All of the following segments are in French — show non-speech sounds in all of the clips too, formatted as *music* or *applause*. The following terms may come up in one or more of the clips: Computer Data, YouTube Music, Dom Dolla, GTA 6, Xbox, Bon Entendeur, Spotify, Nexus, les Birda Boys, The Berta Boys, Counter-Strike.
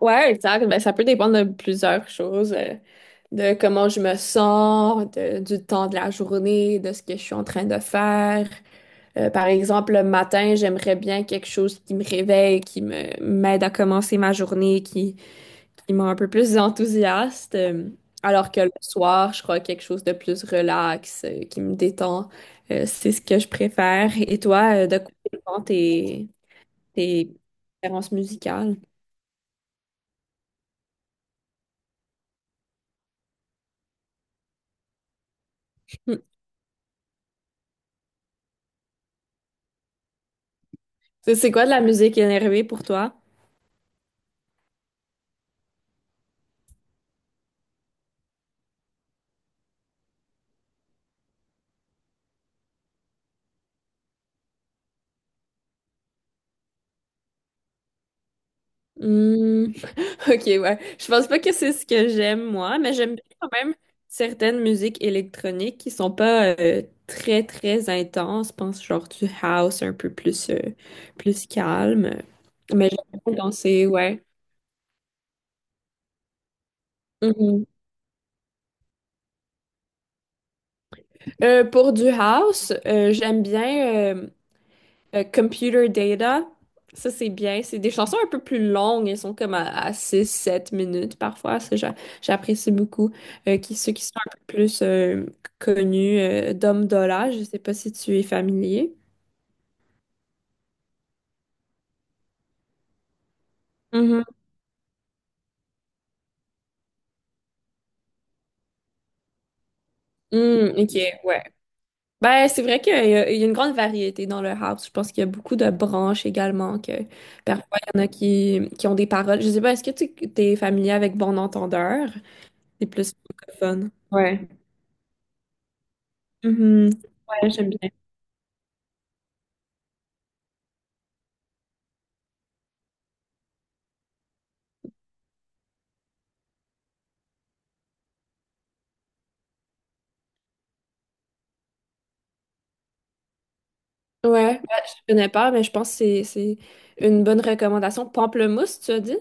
Ouais, exact. Ben, ça peut dépendre de plusieurs choses, de comment je me sens, du temps de la journée, de ce que je suis en train de faire. Par exemple, le matin, j'aimerais bien quelque chose qui me réveille, qui me m'aide à commencer ma journée, qui me un peu plus enthousiaste. Alors que le soir, je crois quelque chose de plus relax, qui me détend. C'est ce que je préfère. Et toi, de quoi dépend tes préférences musicales? C'est quoi de la musique énervée pour toi? Hmm, *laughs* ok, ouais. Je pense pas que c'est ce que j'aime moi, mais j'aime bien quand même certaines musiques électroniques qui sont pas très très intenses. Je pense genre du house un peu plus plus calme. Mais j'aime bien danser ouais. Mhm. Pour du house, j'aime bien. Computer Data, ça c'est bien. C'est des chansons un peu plus longues. Elles sont comme à, six, sept minutes parfois. J'apprécie beaucoup. Ceux qui sont un peu plus connus, Dom Dolla, je sais pas si tu es familier. Mhm. Mm, ok, ouais. Ben, c'est vrai il y a une grande variété dans le house. Je pense qu'il y a beaucoup de branches également, que parfois il y en a qui ont des paroles. Je sais pas, est-ce que tu es familier avec Bon Entendeur? C'est plus francophone. Ouais. Mhm. Ouais, j'aime bien. Ouais, bah, je connais pas, mais je pense que c'est une bonne recommandation. Pamplemousse, tu as dit?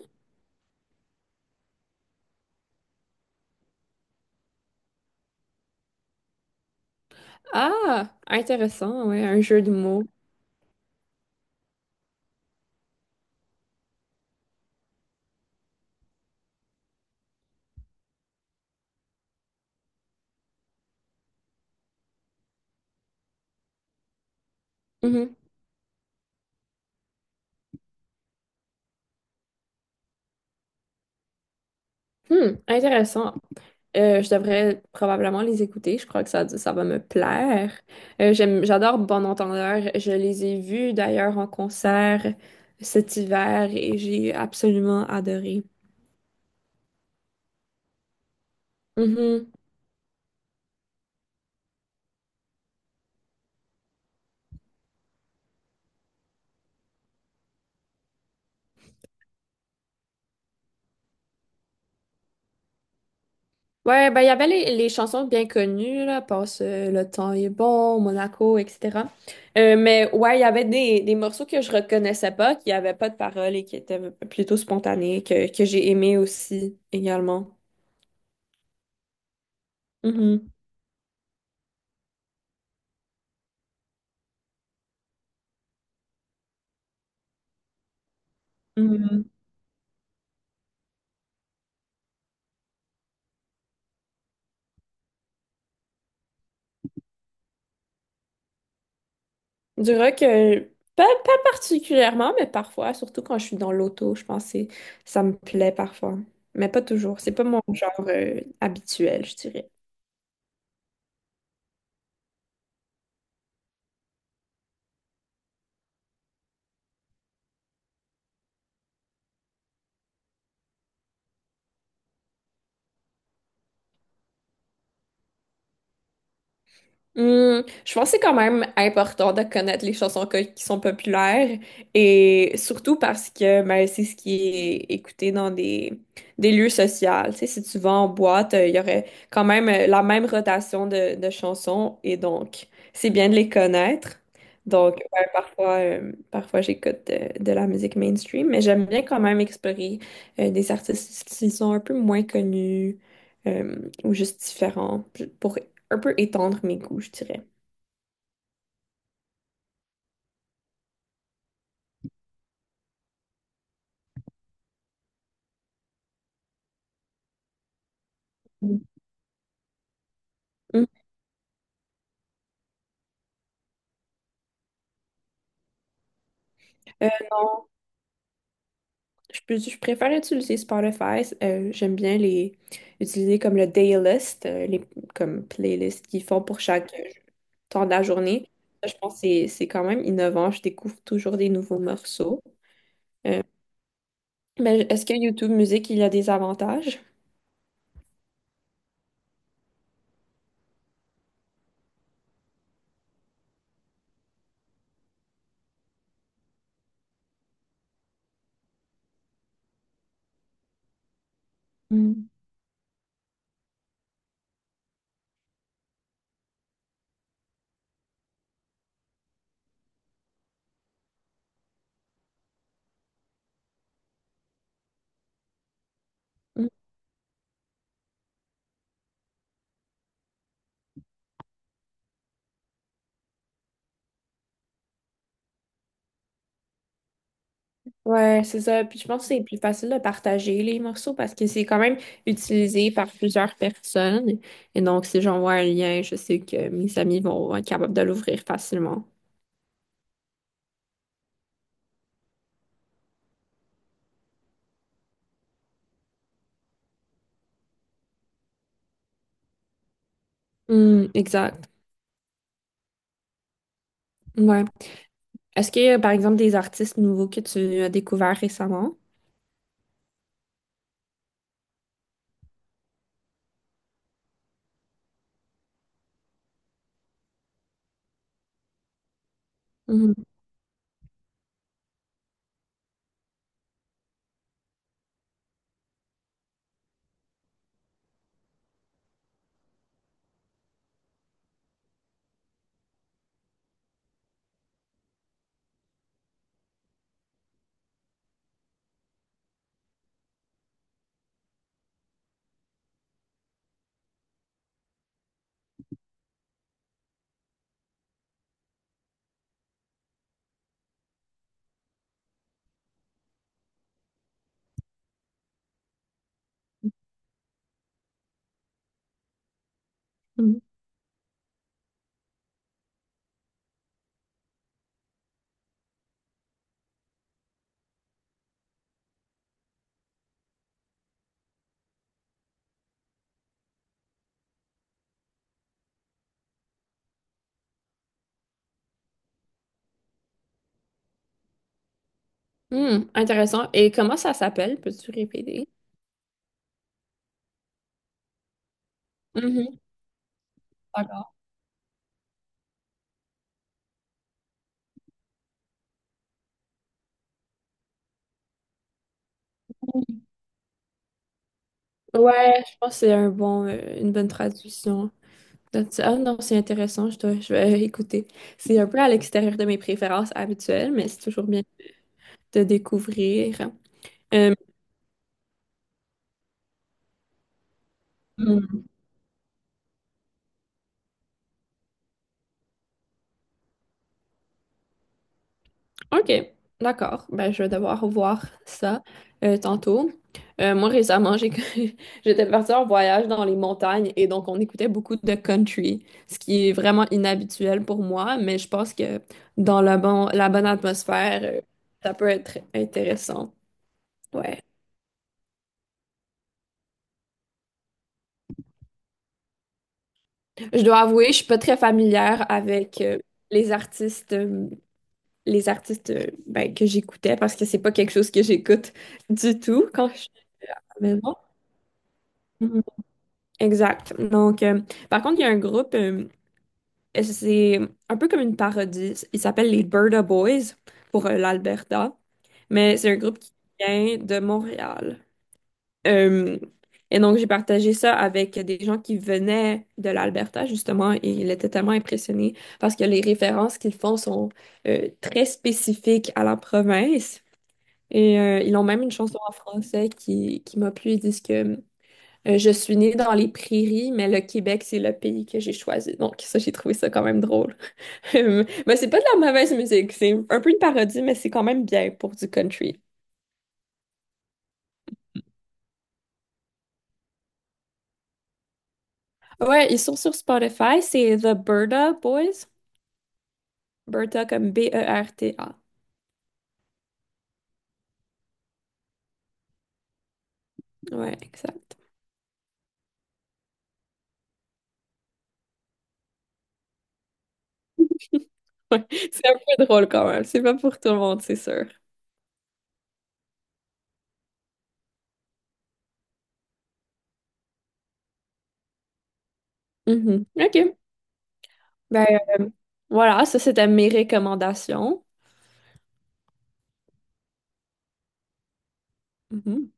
Ah, intéressant, ouais, un jeu de mots. Mhm. Hmm, intéressant. Je devrais probablement les écouter. Je crois que ça va me plaire. J'adore Bon Entendeur. Je les ai vus d'ailleurs en concert cet hiver et j'ai absolument adoré. Mm-hmm. Ouais, ben, il y avait les chansons bien connues, là, Passe le temps est bon, Monaco, etc. Mais ouais, il y avait des morceaux que je reconnaissais pas, qui n'avaient pas de paroles et qui étaient plutôt spontanés, que j'ai aimé aussi, également. Mhm, mhm. Du rock, pas particulièrement, mais parfois, surtout quand je suis dans l'auto, je pense que ça me plaît parfois. Mais pas toujours. C'est pas mon genre, habituel, je dirais. Hmm, je pense que c'est quand même important de connaître les chansons qui sont populaires et surtout parce que ben, c'est ce qui est écouté dans des lieux sociaux. Tu sais, si tu vas en boîte, il y aurait quand même la même rotation de chansons et donc c'est bien de les connaître. Donc ouais, parfois j'écoute de la musique mainstream, mais j'aime bien quand même explorer des artistes qui sont un peu moins connus ou juste différents pour un peu étendre mes goûts, je dirais. Mm. Mm. Non, je, peux- Je préfère utiliser Spotify. J'aime bien les utiliser comme le daylist, les comme playlist qu'ils font pour chaque temps de la journée. Ça, je pense que c'est quand même innovant. Je découvre toujours des nouveaux morceaux. Euh, mais est-ce que YouTube Music, il y a des avantages? Mm. Mm. Ouais, c'est ça. Puis je pense que c'est plus facile de partager les morceaux parce que c'est quand même utilisé par plusieurs personnes. Et donc, si j'envoie un lien, je sais que mes amis vont être capables de l'ouvrir facilement. Mm, exact. Ouais. Est-ce qu'il y a, par exemple, des artistes nouveaux que tu as découverts récemment? Mhm, mhm. Hmm, intéressant. Et comment ça s'appelle? Peux-tu répéter? Mhm, d'accord. Ouais, je pense que c'est un bon, une bonne traduction. Donc, ah non, c'est intéressant, je vais écouter. C'est un peu à l'extérieur de mes préférences habituelles, mais c'est toujours bien de découvrir. Euh, mmh. OK, d'accord. Ben, je vais devoir voir ça tantôt. Moi, récemment, j'ai... *laughs* j'étais partie en voyage dans les montagnes et donc on écoutait beaucoup de country, ce qui est vraiment inhabituel pour moi, mais je pense que dans la, bon... la bonne atmosphère, ça peut être intéressant. Ouais. Je dois avouer, je suis pas très familière avec les artistes, euh, les artistes ben, que j'écoutais parce que c'est pas quelque chose que j'écoute du tout quand je suis à la maison. Mhm. Exact. Donc, par contre, il y a un groupe, et c'est un peu comme une parodie. Il s'appelle les Birda Boys pour l'Alberta, mais c'est un groupe qui vient de Montréal. Euh, et donc, j'ai partagé ça avec des gens qui venaient de l'Alberta, justement, et ils étaient tellement impressionnés parce que les références qu'ils font sont très spécifiques à la province. Et ils ont même une chanson en français qui m'a plu. Ils disent que je suis née dans les prairies, mais le Québec, c'est le pays que j'ai choisi. Donc, ça, j'ai trouvé ça quand même drôle. *laughs* Mais c'est pas de la mauvaise musique. C'est un peu une parodie, mais c'est quand même bien pour du country. Ouais, ils sont sur Spotify. C'est The Berta Boys. Berta comme Berta. Ouais, exact. Ouais, *laughs* c'est un peu drôle quand même. C'est pas pour tout le monde, c'est sûr. Mhm. OK. Ben, euh, voilà, ça, c'était mes recommandations. Mhm.